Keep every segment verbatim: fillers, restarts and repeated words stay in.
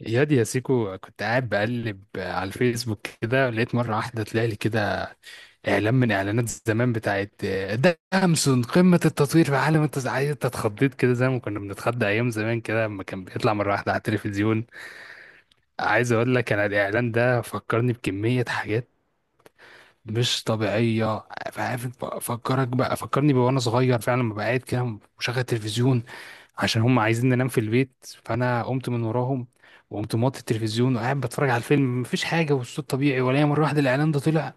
ياد يا سيكو، كنت قاعد بقلب على الفيسبوك كده، لقيت مرة واحدة طلع لي كده إعلان من إعلانات زمان بتاعت ده أمسون قمة التطوير في عالم التص- عايز. أنت اتخضيت كده زي ما كنا بنتخضى أيام زمان كده، لما كان بيطلع مرة واحدة على التلفزيون. عايز أقول لك أنا الإعلان ده فكرني بكمية حاجات مش طبيعية. عارف فكرك بقى، فكرني بقى وانا صغير فعلا لما بقعد كده مشغل تلفزيون عشان هم عايزين ننام في البيت، فانا قمت من وراهم وقمت موطي التلفزيون وقاعد بتفرج على الفيلم، مفيش حاجة والصوت طبيعي، ولا مرة واحدة الاعلان ده طلع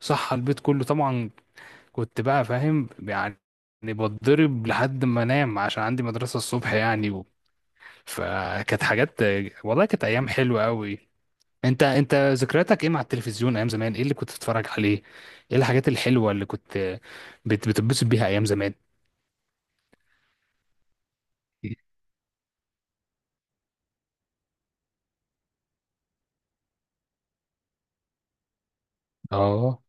صح على البيت كله طبعا. كنت بقى فاهم يعني، بتضرب لحد ما انام عشان عندي مدرسة الصبح يعني و... فكانت حاجات. والله كانت ايام حلوة قوي. انت انت ذكرياتك ايه مع التلفزيون ايام زمان؟ ايه اللي كنت بتتفرج عليه؟ ايه الحاجات الحلوه اللي كنت بت- بتتبسط بيها ايام زمان؟ اه،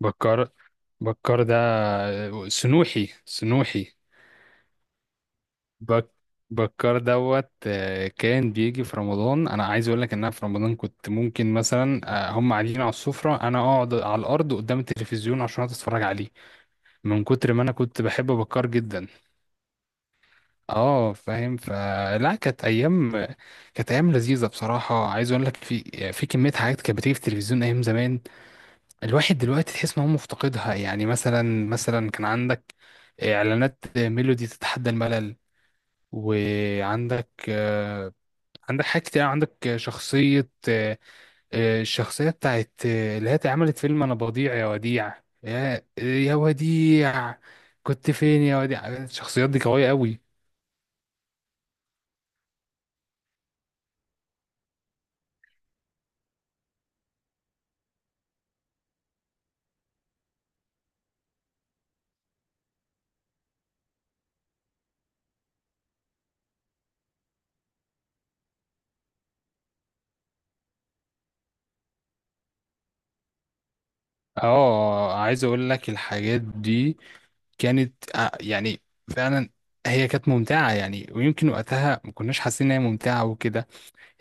بكر بكر ده سنوحي سنوحي بك بكر دوت آه، كان بيجي في رمضان. انا عايز اقول لك ان انا في رمضان كنت ممكن مثلا آه، هم قاعدين على السفره، انا اقعد على الارض قدام التلفزيون عشان أقعد اتفرج عليه، من كتر ما انا كنت بحب بكر جدا. اه فاهم، فلا كانت ايام، كانت ايام لذيذه بصراحه. عايز اقول لك في في كميه حاجات كانت بتيجي في التلفزيون ايام زمان، الواحد دلوقتي تحس ان هو مفتقدها. يعني مثلا مثلا كان عندك اعلانات ميلودي تتحدى الملل، وعندك آه، عندك حاجات كتير، عندك شخصيه آه، آه، الشخصيه بتاعت آه، اللي هي عملت فيلم انا بضيع يا وديع، يا يا وديع كنت فين يا وديع. الشخصيات دي قويه قوي. اه عايز اقول لك الحاجات دي كانت آه، يعني فعلا هي كانت ممتعة، يعني ويمكن وقتها ما كناش حاسين ان هي ممتعة وكده.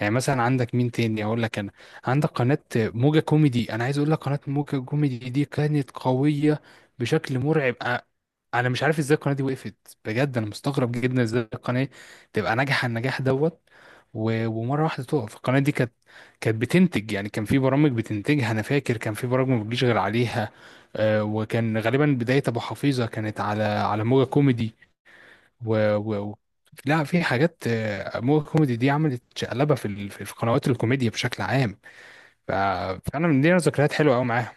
يعني مثلا عندك مين تاني اقول لك انا؟ عندك قناة موجة كوميدي. انا عايز اقول لك قناة موجة كوميدي دي كانت قوية بشكل مرعب. انا مش عارف ازاي القناه دي وقفت، بجد انا مستغرب جدا ازاي القناه تبقى ناجحه النجاح دوت و- ومره واحده تقف. القناه دي كانت، كانت بتنتج يعني، كان في برامج بتنتجها، انا فاكر كان في برامج ما بتجيش غير عليها. آه، وكان غالبا بدايه ابو حفيظه كانت على على موجه كوميدي و... و... و- لا، في حاجات آه، موجه كوميدي دي عملت شقلبه في ال... في في قنوات الكوميديا بشكل عام. ف- فانا من دي ذكريات حلوه قوي معاها.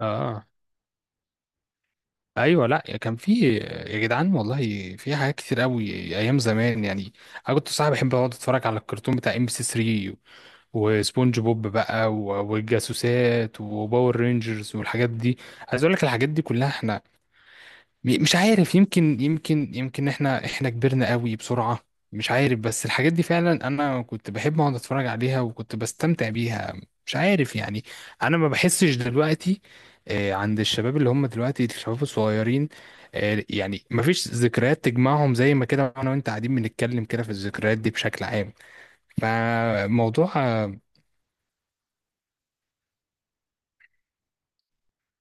اه ايوه، لا كان في، يا جدعان والله في حاجات كتير قوي ايام زمان يعني. انا كنت صاحبي بحب اقعد اتفرج على الكرتون بتاع إم بي سي ثري، وسبونج بوب بقى و- والجاسوسات وباور رينجرز والحاجات دي. عايز اقول لك الحاجات دي كلها احنا م- مش عارف، يمكن يمكن يمكن احنا احنا كبرنا قوي بسرعة، مش عارف. بس الحاجات دي فعلا انا كنت بحب اقعد اتفرج عليها وكنت بستمتع بيها، مش عارف يعني. انا ما بحسش دلوقتي آه، عند الشباب اللي هم دلوقتي الشباب الصغيرين آه، يعني ما فيش ذكريات تجمعهم زي ما كده انا وانت قاعدين بنتكلم كده في الذكريات دي بشكل عام. فموضوع آه،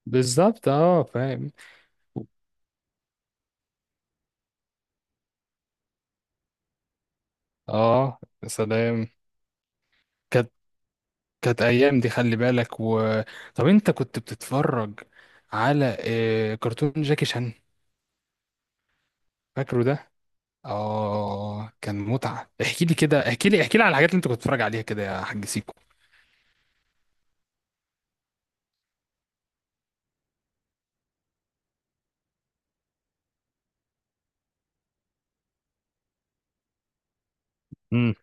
بالظبط اه فاهم. اه يا سلام، كانت، كانت ايام دي، خلي بالك و... طب انت كنت بتتفرج على آه، كرتون جاكي شان؟ فاكره ده؟ اه كان متعة. احكي لي كده، احكي لي احكي لي على الحاجات اللي انت كنت بتتفرج عليها كده يا حاج سيكو. امم،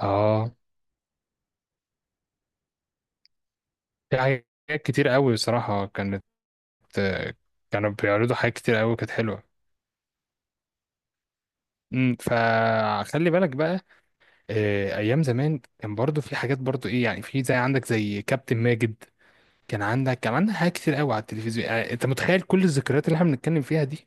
اه في حاجات كتير قوي بصراحة كانت آه، كانوا بيعرضوا حاجات كتير قوي كانت حلوة. امم، فخلي بالك بقى آه، ايام زمان كان برضو في حاجات، برضو ايه يعني، في زي عندك زي كابتن ماجد. كان عندك، كان عندك حاجات كتير قوي على التلفزيون. يعني انت متخيل كل الذكريات اللي احنا بنتكلم فيها دي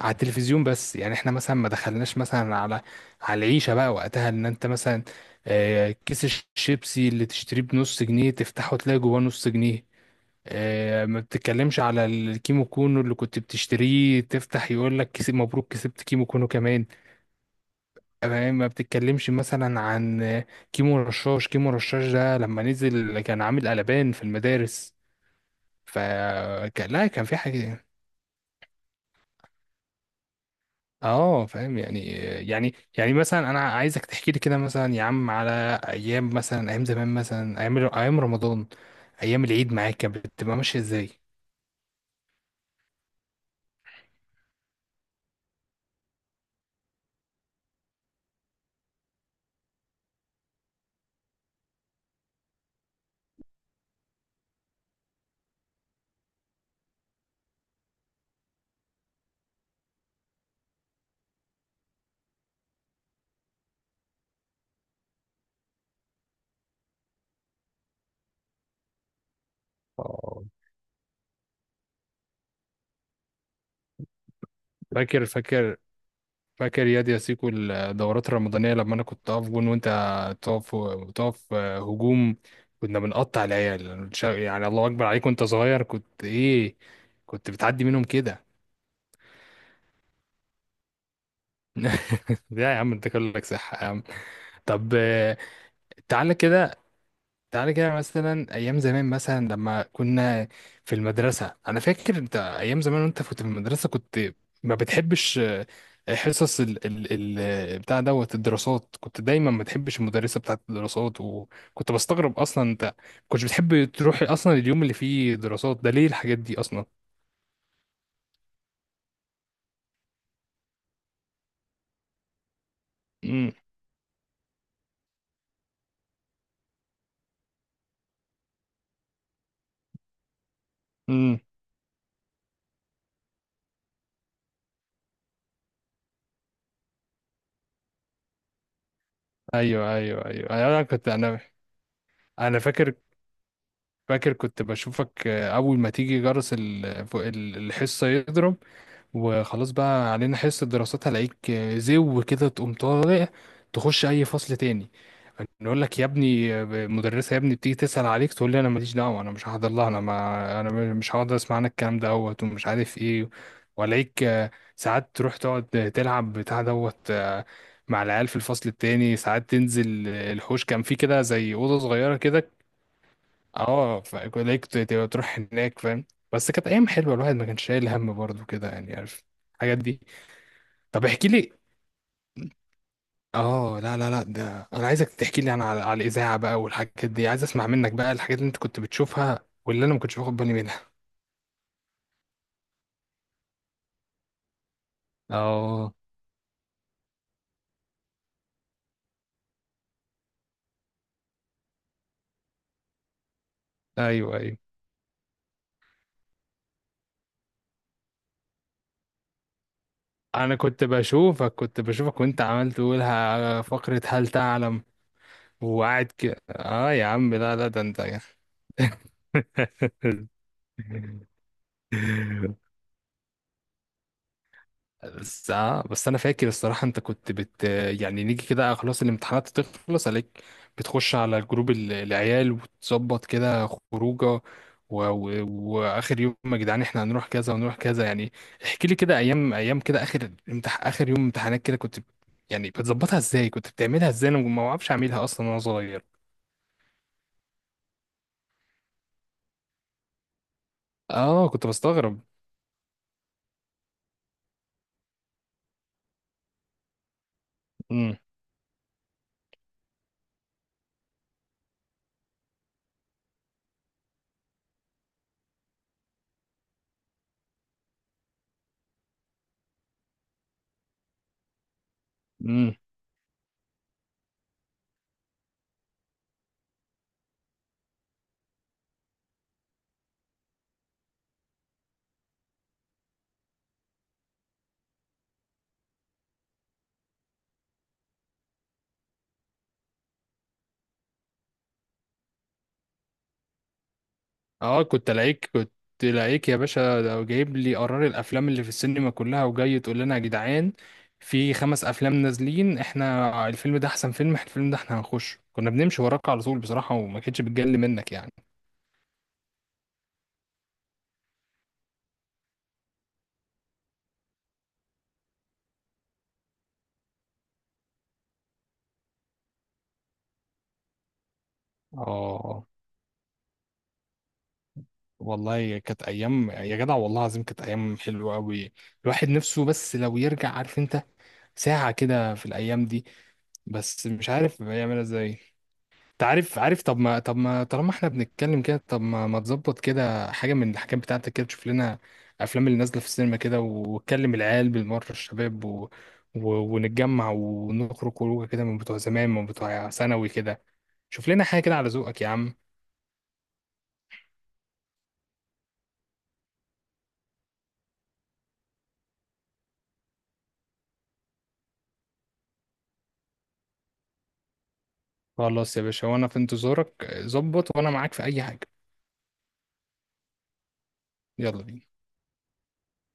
على التلفزيون بس؟ يعني احنا مثلا ما دخلناش مثلا على على العيشه بقى وقتها. ان انت مثلا آه، كيس الشيبسي اللي تشتريه بنص جنيه تفتحه تلاقي جواه نص جنيه. آه، ما بتتكلمش على الكيمو كونو اللي كنت بتشتريه تفتح يقول لك كسب مبروك كسبت كيمو كونو كمان. آه، ما بتتكلمش مثلا عن آه، كيمو رشاش. كيمو رشاش ده لما نزل كان عامل قلبان في المدارس. فكان لا كان في حاجة. اه فاهم يعني. يعني يعني مثلا انا عايزك تحكي لي كده مثلا يا عم على ايام، مثلا ايام زمان، مثلا ايام ايام رمضان، ايام العيد معاك كانت بتبقى ماشية ازاي. آه. فاكر، فاكر فاكر ياد يا سيكو الدورات الرمضانية لما أنا كنت أقف جون وأنت تقف، تقف هجوم. كنا بنقطع العيال شا- يعني الله أكبر عليك وأنت صغير، كنت إيه، كنت بتعدي منهم كده. لا يا عم أنت كلك صح يا عم. طب تعالى كده، تعالى كده مثلا، ايام زمان مثلا لما كنا في المدرسه. انا فاكر انت ايام زمان وانت كنت في المدرسه كنت ما بتحبش آه، حصص ال ال ال بتاع دوت الدراسات. كنت دايما ما بتحبش المدرسه بتاعت الدراسات. وكنت بستغرب اصلا انت كنتش بتحب تروح اصلا اليوم اللي فيه دراسات ده ليه؟ الحاجات دي اصلا. امم، امم. ايوه ايوه ايوه أيوه، انا كنت انا انا فاكر، فاكر كنت بشوفك آه، اول ما تيجي جرس ال- فوق ال- الحصه يضرب وخلاص بقى علينا حصة دراسات، هلاقيك زو كده تقوم طالع تخش أي فصل تاني. نقول لك يا ابني، مدرسة يا ابني بتيجي تسأل عليك، تقول لي أنا ماليش دعوة، أنا مش هحضر لها، أنا ما أنا مش هقعد أسمع عنك الكلام دوت ومش عارف إيه. وألاقيك ساعات تروح تقعد تلعب بتاع دوت مع العيال في الفصل التاني. ساعات تنزل الحوش كان في كده زي أوضة صغيرة كده، اه فليك تبقى تروح هناك، فاهم؟ بس كانت ايام حلوه، الواحد ما كانش شايل هم برضه كده يعني، عارف، الحاجات دي. طب احكي لي، اه لا لا لا ده انا عايزك تحكي لي انا على, على الاذاعه بقى والحاجات دي. عايز اسمع منك بقى الحاجات اللي انت كنت بتشوفها واللي انا ما كنتش باخد بالي منها. اه ايوه ايوه. انا كنت بشوفك، كنت بشوفك وانت عمال تقولها فقره هل تعلم، وقاعد كده اه يا عم لا لا ده انت. بس آه بس انا فاكر الصراحه انت كنت بت يعني نيجي كده خلاص الامتحانات تخلص عليك، بتخش على جروب ال- العيال وتظبط كده خروجه و... و... واخر يوم يا جدعان احنا هنروح كذا ونروح كذا يعني. احكي لي كده ايام، ايام كده اخر امتح... اخر يوم امتحانات كده كنت ب- يعني بتظبطها ازاي، كنت بتعملها ازاي، انا ما اعرفش اعملها اصلا وانا صغير. اه كنت بستغرب. امم، اه كنت لعيك كنت لعيك يا باشا، ده جايب لي قرار الافلام اللي في السينما كلها وجاي تقول لنا يا جدعان في خمس افلام نازلين، احنا الفيلم ده احسن فيلم، احنا الفيلم ده احنا هنخش. كنا بنمشي وراك على طول بصراحة وما كانتش بتجلي منك يعني. اه والله كانت ايام يا جدع، والله العظيم كانت ايام حلوة قوي. الواحد نفسه بس لو يرجع، عارف انت، ساعة كده في الايام دي، بس مش عارف يعملها ازاي. انت عارف، عارف طب ما، طب ما طالما احنا بنتكلم كده، طب ما ما تظبط كده حاجه من الحاجات بتاعتك كده، تشوف لنا افلام اللي نازله في السينما كده وتكلم العيال بالمره الشباب و... و... ونتجمع ونخرج خروجه كده من بتوع زمان، من بتوع ثانوي كده. شوف لنا حاجه كده على ذوقك يا عم. خلاص يا باشا وانا في انتظارك، ظبط وانا معاك في اي حاجه. يلا بينا.